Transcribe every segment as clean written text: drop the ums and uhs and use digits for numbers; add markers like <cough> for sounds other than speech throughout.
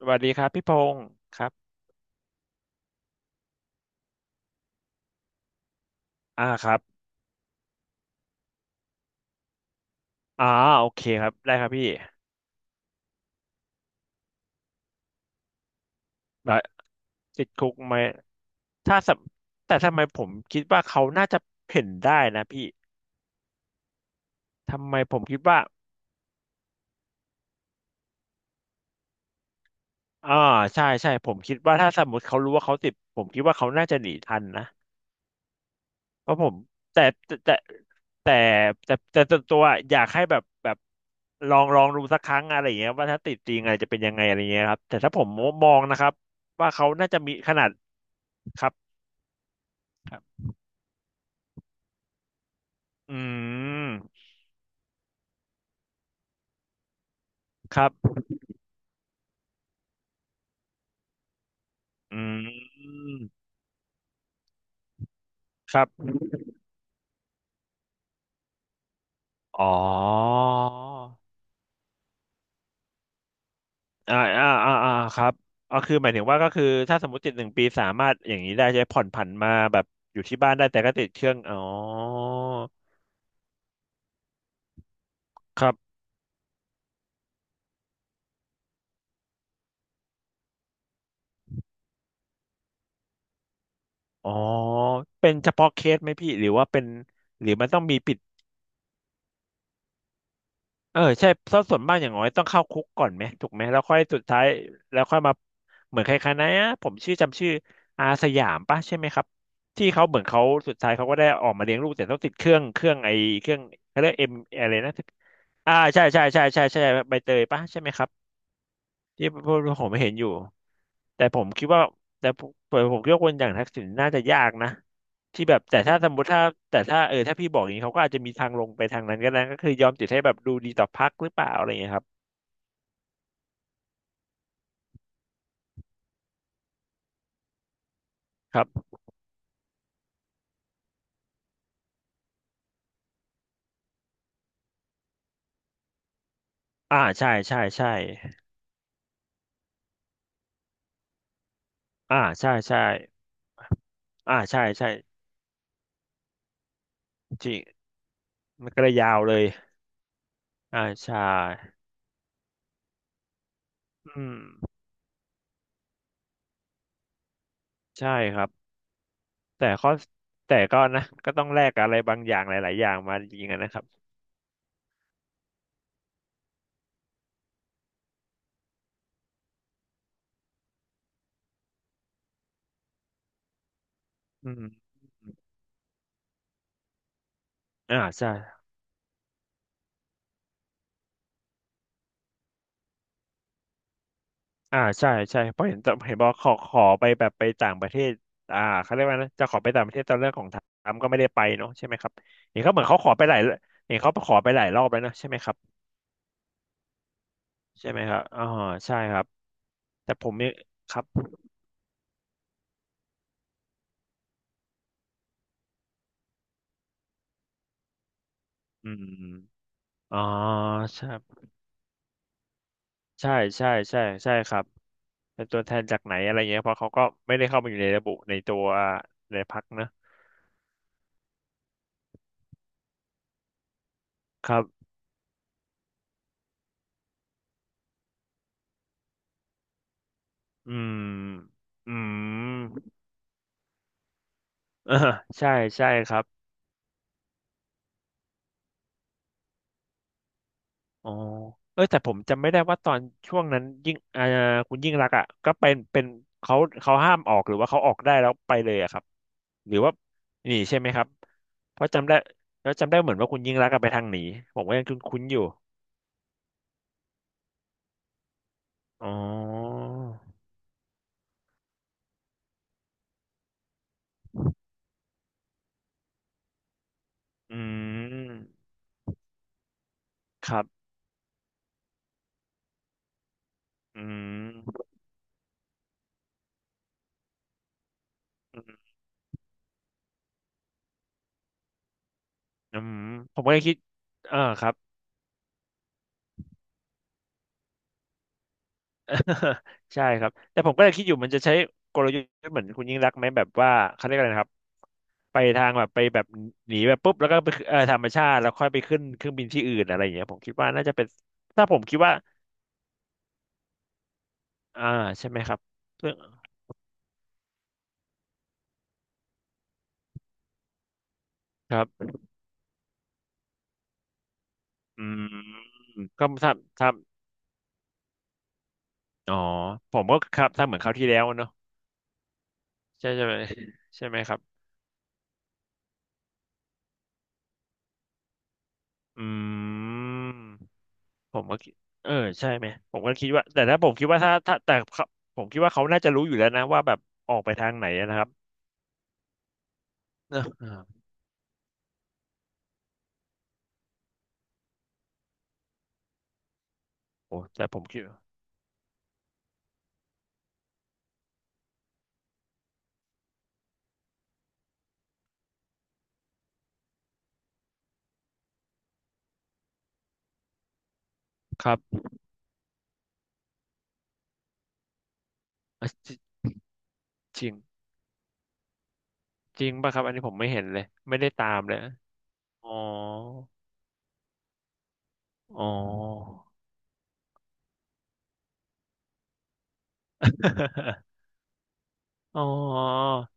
สวัสดีครับพี่พงศ์ครับอ่าครับอ่าโอเคครับได้ครับพี่แล้ติดคุกไหมถ้าสำแต่ทำไมผมคิดว่าเขาน่าจะเห็นได้นะพี่ทำไมผมคิดว่าอ่าใช่ใช่ผมคิดว่าถ้าสมมติเขารู้ว่าเขาติดผมคิดว่าเขาน่าจะหนีทันนะเพราะผมแต่แต่แต่แต่แต่ส่วนตัวอยากให้แบบลองดูสักครั้งอะไรอย่างเงี้ยว่าถ้าติดจริงอะไรจะเป็นยังไงอะไรเงี้ยครับแต่ถ้าผมมองนะครับว่าเขาน่าจะมีขนาดครับ อืมครับอืมครับอ๋ออ่าครับก็คือหมายถึงว่าก็คือถ้าสมมติติดหนึ่งปีสามารถอย่างนี้ได้ใช้ผ่อนผันมาแบบอยู่ที่บ้านได้แต่ก็ติดเครื่องอ๋อครับอ๋อเป็นเฉพาะเคสไหมพี่หรือว่าเป็นหรือมันต้องมีปิด เออใช่เพราะส่วนมากอย่างน้อยต้องเข้าคุกก่อนไหมถูกไหมแล้วค่อยสุดท้ายแล้วค่อยมาเหมือนใครๆนะผมชื่อจำชื่ออาสยามปะใช่ไหมครับที่เขาเหมือนเขาสุดท้ายเขาก็ได้ออกมาเลี้ยงลูกแต่ต้องติดเครื่องไอเครื่องเขาเรียกเอ็มอะไรนะอ่าใช่ใบเตยปะใช่ไหมครับ ที่พวกผมเห็นอยู่แต่ผมคิดว่าแต่ผมผมคิดว่าคนอย่างทักษิณน่าจะยากนะที่แบบแต่ถ้าสมมติถ้าแต่ถ้าถ้าพี่บอกอย่างนี้เขาก็อาจจะมีทางลงไปทางนั้นก็ได้ก็คือยอมติดให้แบบดูดีต่อพรรคหรือเปล่าอะไรอย่างเงี้ยครับครับอ่าใช่อ่าใช่อ่าใช่จริงมันก็เลยยาวเลยอ่าใช่อืมใช่ครับแต่ข้อแต่ก็นะก็ต้องแลกกับอะไรบางอย่างหลายๆอย่างมาจริงๆอะนะครับอืมอ่าใช่ อ่าใช่เพราะเห็นเห็นบอกขอขอไปแบบไปต่างประเทศอ่าเขาเรียกว่านะจะขอไปต่างประเทศตอนเรื่องของทรัมป์ก็ไม่ได้ไปเนาะใช่ไหมครับเห็นเขาเหมือนเขาขอไปหลายเห็นเขาขอไปหลายรอบแล้วนะใช่ไหมครับใช่ไหมครับอ๋อใช่ครับแต่ผมเนี่ยครับอืมอ๋อใช่ใช่ใช่ครับเป็นตัวแทนจากไหนอะไรเงี้ยเพราะเขาก็ไม่ได้เข้ามาอยู่ในระบุในตัวในพรรคนะครับอืมอืม <laughs> อ่าใช่ใช่ครับ อ๋อเออแต่ผมจำไม่ได้ว่าตอนช่วงนั้นยิ่งอ่าคุณยิ่งรักษณ์อ่ะก็เป็นเขาเขาห้ามออกหรือว่าเขาออกได้แล้วไปเลยอะครับหรือว่าหนีใช่ไหมครับเพราะจำได้แล้วจำได้เหมือนว่าคุณยิ่งรักษณ์อะไปทางหนีผมก็ยังคุ้นๆอยู่อ๋ออืมครับอืมอืมอืมผมก็ยังคิดเออครับ <laughs> ใช่ครับแต่ผมก็เลยคิดอยู่มันจะใช้กลยุทธ์เหมือนคุณยิ่งรักษณ์ไหมแบบว่าเขาเรียกอะไรนะครับไปทางแบบไปแบบหนีแบบปุ๊บแล้วก็ไปธรรมชาติแล้วค่อยไปขึ้นเครื่องบินที่อื่นอะไรอย่างเงี้ยผมคิดว่าน่าจะเป็นถ้าผมคิดว่าอ่าใช่ไหมครับเพื่อครับอืมก็ทำอ๋อผมก็ครับทำเหมือนคราวที่แล้วเนอะใช่ใช่ไหมใช่ไหมครับอืม ผมก็คิดเออใช่ไหมผมก็คิดว่าแต่ถ้าผมคิดว่าถ้าแต่เขาผมคิดว่าเขาน่าจะรู้อยู่แล้วนะว่าแบบออกไปทางไหนนะครับเนอะอ่าโอ้แต่ผมคิดครับอ่ะจจริงจริงป่ะครับอันนี้ผมไม่เห็นเลยไม่ได้ตามเลยอ๋ออ๋อ <laughs> อ๋อ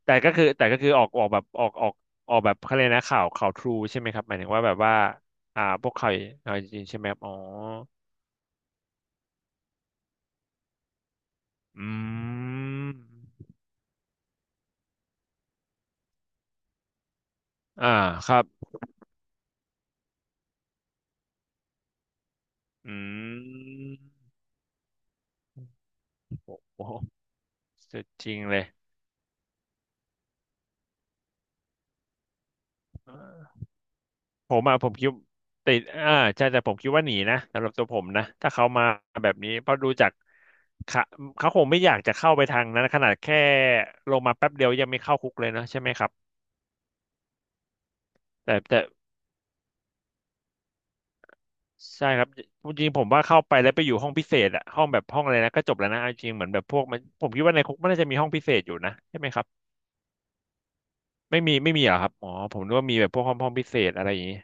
แต่ก็คือแต่ก็คือออกออกแบบออกออกออกแบบเขาเลยกนะข่าวข่าวทรูใช่ไหมครับหมายถึงว่าแบบว่าอ่าพวกข่าวข่าวจริงๆใช่ไหมครับอ๋ออืมอ่าครับ อืมโอ้โหสุดจริงเลยเออผมอ่ะผมคิดติดอ่าใช่แต่ผมคิดว่าหนีนะสำหรับตัวผมนะ ถ้าเขามาแบบนี้ เพราะดูจากเขาเขาคงไม่อยากจะเข้าไปทางนั้นขนาดแค่ลงมาแป๊บเดียวยังไม่เข้าคุกเลยนะใช่ไหมครับแต่ใช่ครับจริงๆผมว่าเข้าไปแล้วไปอยู่ห้องพิเศษอะห้องแบบห้องอะไรนะก็จบแล้วนะเอาจริงเหมือนแบบพวกมันผมคิดว่าในคุกมันน่าจะมีห้องพิเศษอยู่นะใช่ไหมครับไม่มีเหรอครับอ๋อผมนึกว่ามีแบบพวกห้องพิเศษอะไรอย่างนี้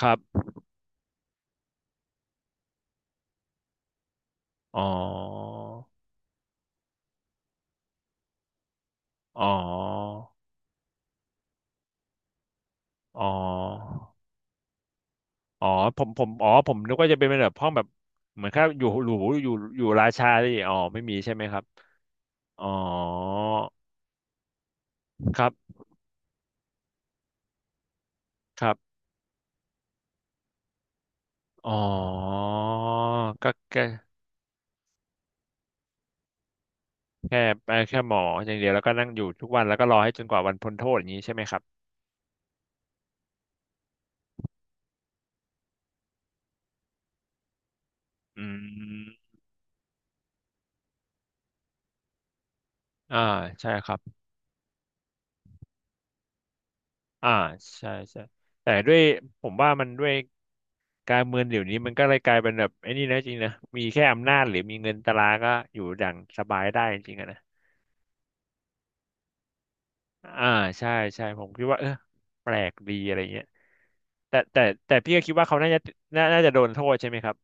ครับ อ๋ออ๋ออ๋ออ๋อผมอ๋อผมนึกว่าจะเป็นแบบห้องแบบเหมือนแค่อยู่หรูอยู่ราชาดิอ๋อไม่มีใช่ไหมครับอ๋อครับครับอ๋อก็แค่แค่แค่หมออย่างเดียวแล้วก็นั่งอยู่ทุกวันแล้วก็รอให้จนกว่าวันพ้นโทษอย่างนี้ใช่ไหมครับอืมอ่าใช่ครับอ่าใช่ใช่แต่ด้วยผมว่ามันด้วย การเมืองเดี๋ยวนี้มันก็เลยกลายเป็นแบบไอ้นี่นะจริงนะมีแค่อำนาจหรือมีเงินตราก็อยู่อย่างสบายได้จริงๆอะนะอ่าใช่ใช่ผมคิดว่าเออแปลกดีอะไรเงี้ยแต่แต่พี่ก็คิดว่าเขาน่าจะน่าจะโดนโทษใช่ไหมครับ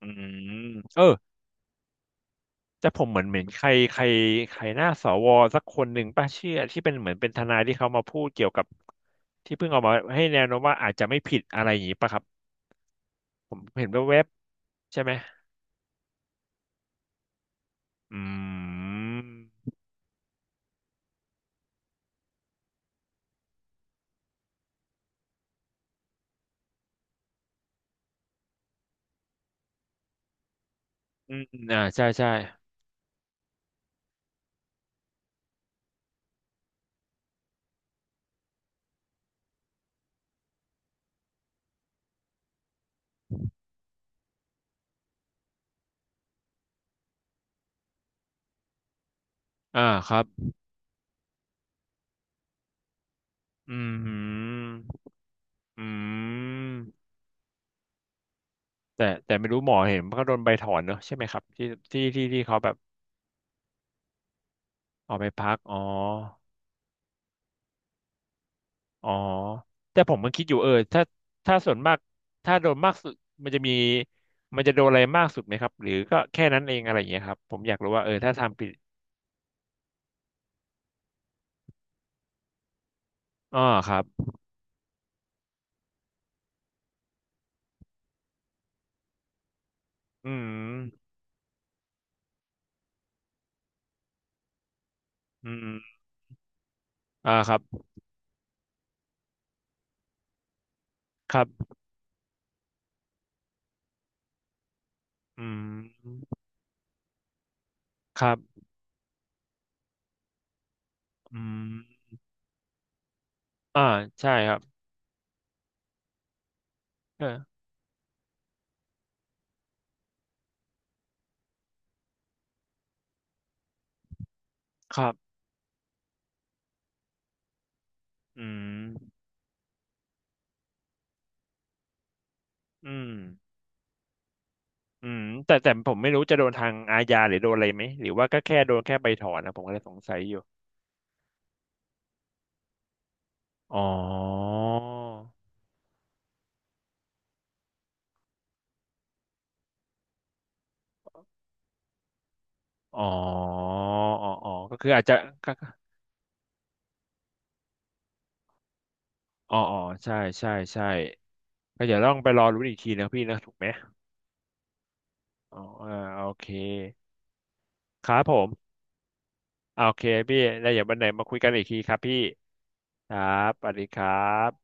อืมเออแต่ผมเหมือนเหมือนใครใครใครหน้าสวสักคนหนึ่งป่ะเชื่อที่เป็นเหมือนเป็นทนายที่เขามาพูดเกี่ยวกับที่เพิ่งออกมาให้แนวโน้มว่าอาจจะไม่ผิดอะไรอย่างนี้ป่ะครับผมเห็นแวบๆใช่ไหมอืม อืมอ่าใช่ใช่อ่าครับอืมหืมอืมแต่ไม่รู้หมอเห็นเขาโดนใบถอนเนอะใช่ไหมครับที่ที่เขาแบบเอาไปพักอ๋ออ๋อแต่ผมมันคิดอยู่เออถ้าถ้าส่วนมากถ้าโดนมากสุดมันจะมีมันจะโดนอะไรมากสุดไหมครับหรือก็แค่นั้นเองอะไรอย่างเงี้ยครับผมอยากรู้ว่าเออถ้าทำผิดอ๋อครับอืมอืมอ่าครับครับอืมครับอืมอ่าใช่ครับเออครับ อืมอืมอืมแต่ผมไม่รู้จะโดนทางอาญาหรือโดนอะไรไหมหรือว่าก็แค่โดนแค่ใบถอนนะผมก็เลยสงสัยอยู่อ๋ออ๋ออ๋ออ๋อก็คืออาจจะก็อ๋ออ๋อใช่ใช่ใช่ก็เดี๋ยวต้องไปรอรู้นอีกทีนะพี่นะถูกไหมอ๋ออ่าโอเคครับผมอ่าโอเคพี่แล้วเดี๋ยววันไหนมาคุยกันอีกทีครับพี่ครับสวัสดีครับ